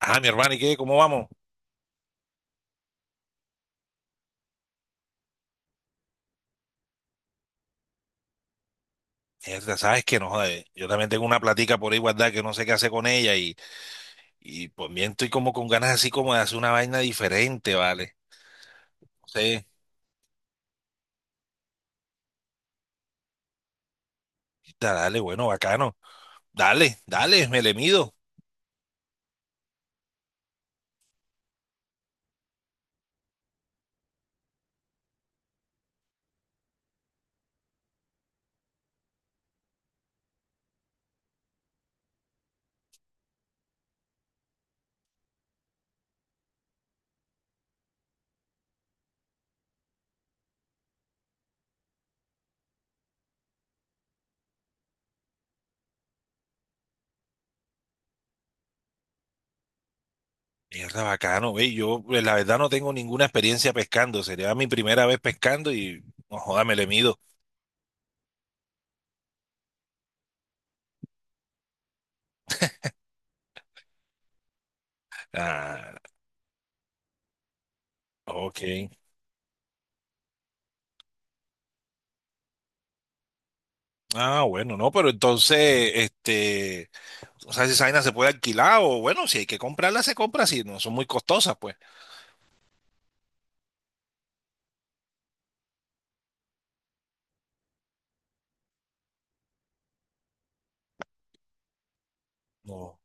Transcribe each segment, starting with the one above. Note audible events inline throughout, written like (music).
Ah, mi hermano, ¿y qué? ¿Cómo vamos? Mierda, sabes que no, joder, yo también tengo una platica por ahí guardada que no sé qué hacer con ella y pues bien estoy como con ganas así como de hacer una vaina diferente, ¿vale? No sé, mierda, dale, bueno, bacano. Dale, dale, me le mido. Mierda, bacano, ve, yo pues, la verdad no tengo ninguna experiencia pescando, sería mi primera vez pescando y no joda, me le mido. Ah, ok. Ah, bueno, no, pero entonces, este, o sea, si esa vaina se puede alquilar o bueno, si hay que comprarla, se compra, si no son muy costosas, pues. No.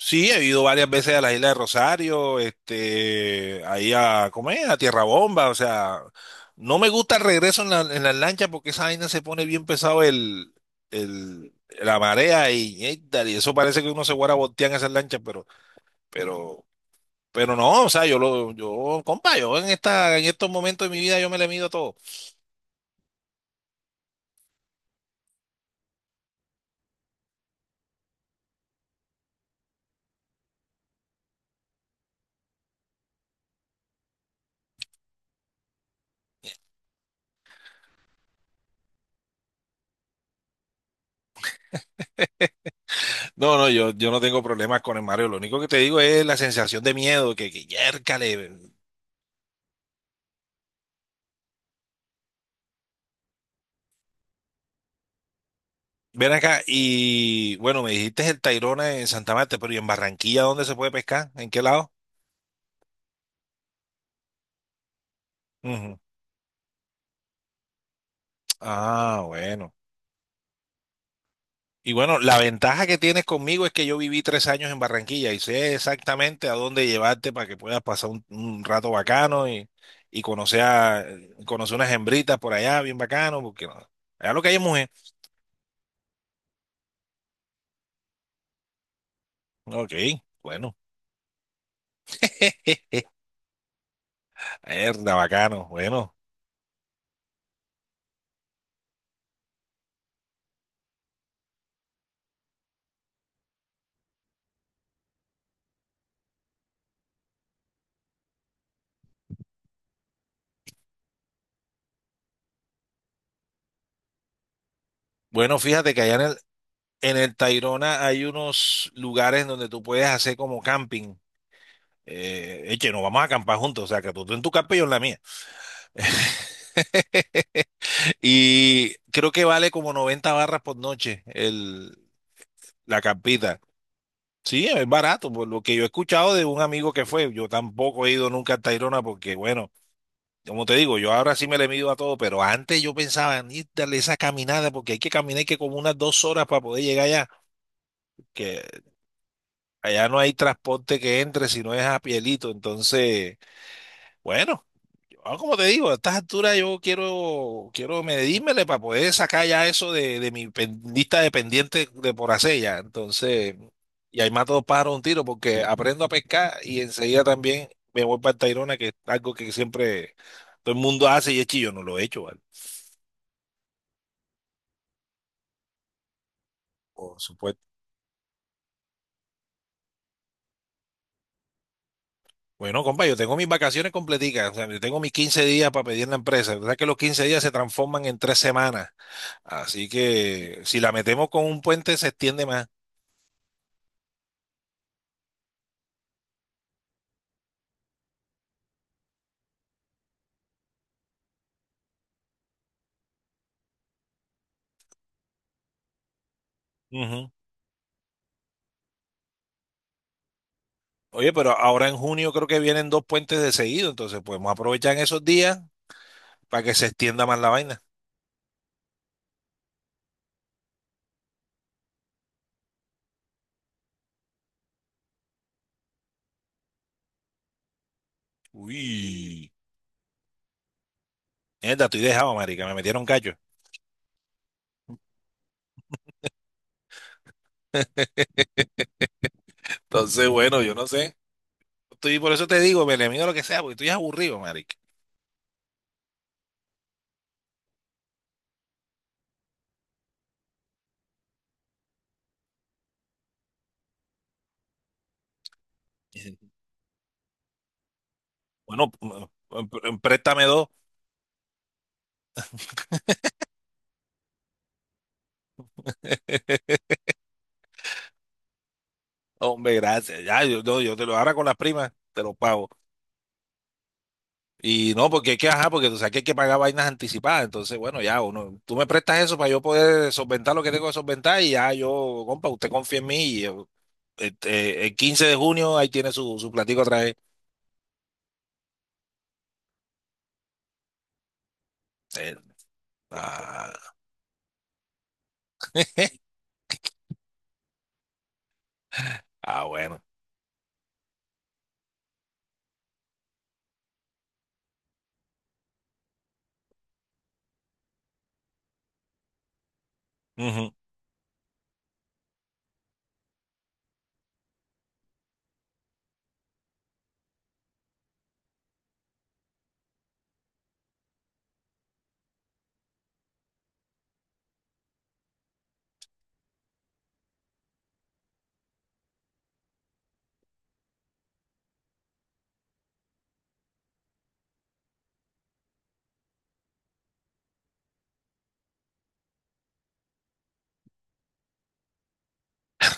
Sí, he ido varias veces a la isla de Rosario, este, ahí a comer, a Tierra Bomba, o sea, no me gusta el regreso en la, en las lanchas porque esa vaina se pone bien pesado el, la marea y tal, y eso parece que uno se guarda voltear en esas lanchas, pero, pero, pero no, o sea, compa, yo en estos momentos de mi vida yo me le mido a todo. No, no, yo, no tengo problemas con el Mario, lo único que te digo es la sensación de miedo, que yércale. Ven acá y bueno, me dijiste el Tayrona en Santa Marta, pero ¿y en Barranquilla dónde se puede pescar? ¿En qué lado? Ujú. Ah, bueno. Y bueno, la ventaja que tienes conmigo es que yo viví 3 años en Barranquilla y sé exactamente a dónde llevarte para que puedas pasar un, rato bacano y conocer unas hembritas por allá, bien bacano, porque no- allá lo que hay es mujer. Ok, bueno. (laughs) Mierda, bacano. Bueno, bueno, fíjate que allá en el Tayrona hay unos lugares donde tú puedes hacer como camping. Eche, nos vamos a acampar juntos, o sea, que tú en tu campa y yo en la mía. (laughs) Y creo que vale como 90 barras por noche la campita. Sí, es barato, por lo que yo he escuchado de un amigo que fue. Yo tampoco he ido nunca a Tayrona porque, bueno, como te digo, yo ahora sí me le mido a todo, pero antes yo pensaba en ir darle esa caminada porque hay que caminar y que como unas 2 horas para poder llegar allá, que allá no hay transporte que entre si no es a Pielito. Entonces, bueno, yo, ah, como te digo, a estas alturas yo quiero medírmele para poder sacar ya eso de mi lista de pendientes de por hacer ya. Entonces, y ahí mato dos pájaros de un tiro porque aprendo a pescar y enseguida también me voy para el Tayrona, que es algo que siempre todo el mundo hace y es chillo, no lo he hecho, ¿vale? Por supuesto. Bueno, compa, yo tengo mis vacaciones completicas, o sea, yo tengo mis 15 días para pedir en la empresa. ¿Verdad que los 15 días se transforman en 3 semanas? Así que si la metemos con un puente se extiende más. Ujú. Oye, pero ahora en junio creo que vienen dos puentes de seguido, entonces podemos aprovechar en esos días para que se extienda más la vaina. Uy, neta, estoy dejado, marica, me metieron callo. (laughs) Entonces, bueno, yo no sé. Estoy, por eso te digo, me le mido lo que sea, porque estoy aburrido, marica. (laughs) Bueno, préstame dos. (laughs) Hombre, gracias. Ya, yo, no, yo te lo ahora con las primas, te lo pago. Y no, porque es que, ajá, porque tú sabes que hay que pagar vainas anticipadas. Entonces, bueno, ya uno, tú me prestas eso para yo poder solventar lo que tengo que solventar y ya yo, compa, usted confía en mí y yo, este, el 15 de junio ahí tiene su, platico otra vez. Eh, ah, (laughs) ah, bueno. Ujú.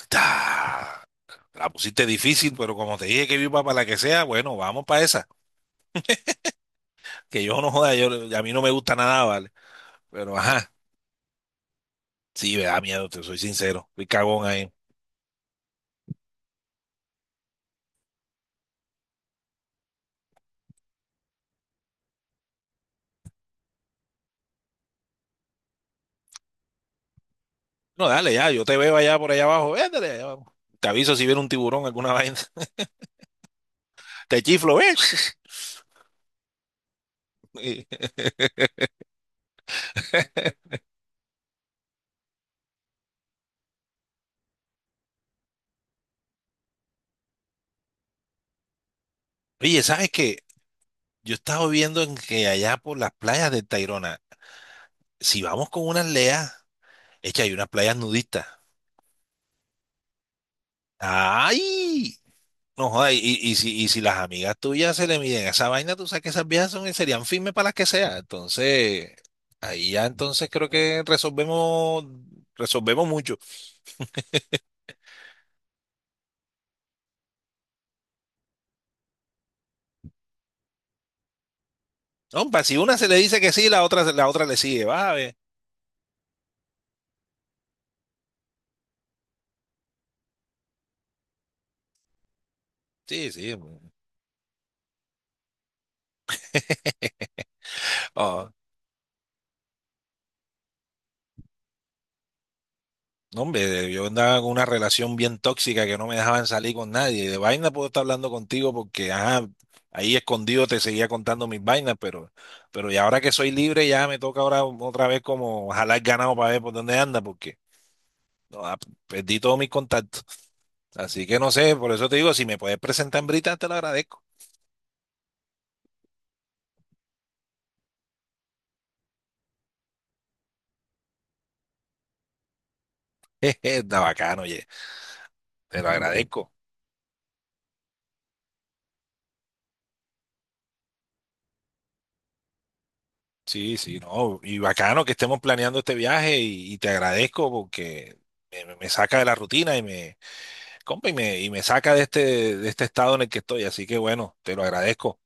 Ta, la pusiste difícil, pero como te dije que viva para la que sea, bueno, vamos para esa. Que yo no joda, a mí no me gusta nada, ¿vale? Pero ajá, sí, me da miedo, te soy sincero. Fui cagón ahí. No, dale, ya, yo te veo allá por allá abajo, véndale, allá abajo. Te aviso si viene un tiburón, alguna vaina. (laughs) Te chiflo, ves (laughs) Y- Oye, ¿sabes qué? Yo estaba viendo en que allá por las playas de Tayrona, si vamos con unas leas, es que hay unas playas nudistas. ¡Ay! No jodas, y si las amigas tuyas se le miden a esa vaina, tú sabes que esas viejas son, serían firmes para las que sea. Entonces, ahí ya entonces creo que resolvemos, resolvemos mucho. No, pa, si una se le dice que sí, la otra, le sigue, va. Sí, sí. Ah, no, hombre, yo andaba con una relación bien tóxica que no me dejaban salir con nadie. De vaina puedo estar hablando contigo porque, ajá, ahí escondido te seguía contando mis vainas, pero y ahora que soy libre ya me toca ahora otra vez como jalar ganado para ver por dónde anda, porque no, perdí todos mis contactos. Así que no sé, por eso te digo, si me puedes presentar en Brita, te lo agradezco. (laughs) Jeje, está bacano, oye, te lo agradezco. Sí, sí, no, y bacano que estemos planeando este viaje y te agradezco porque me, me saca de la rutina y me, compa, y me saca de este, estado en el que estoy, así que bueno, te lo agradezco.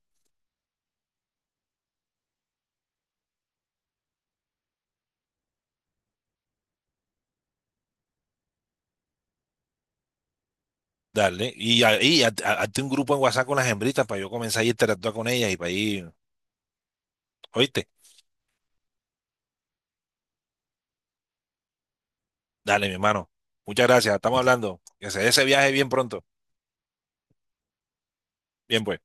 Dale, hazte un grupo en WhatsApp con las hembritas para yo comenzar a interactuar con ellas y para ir, oíste, dale, mi hermano, muchas gracias, estamos hablando, que se dé ese viaje bien pronto, bien pues.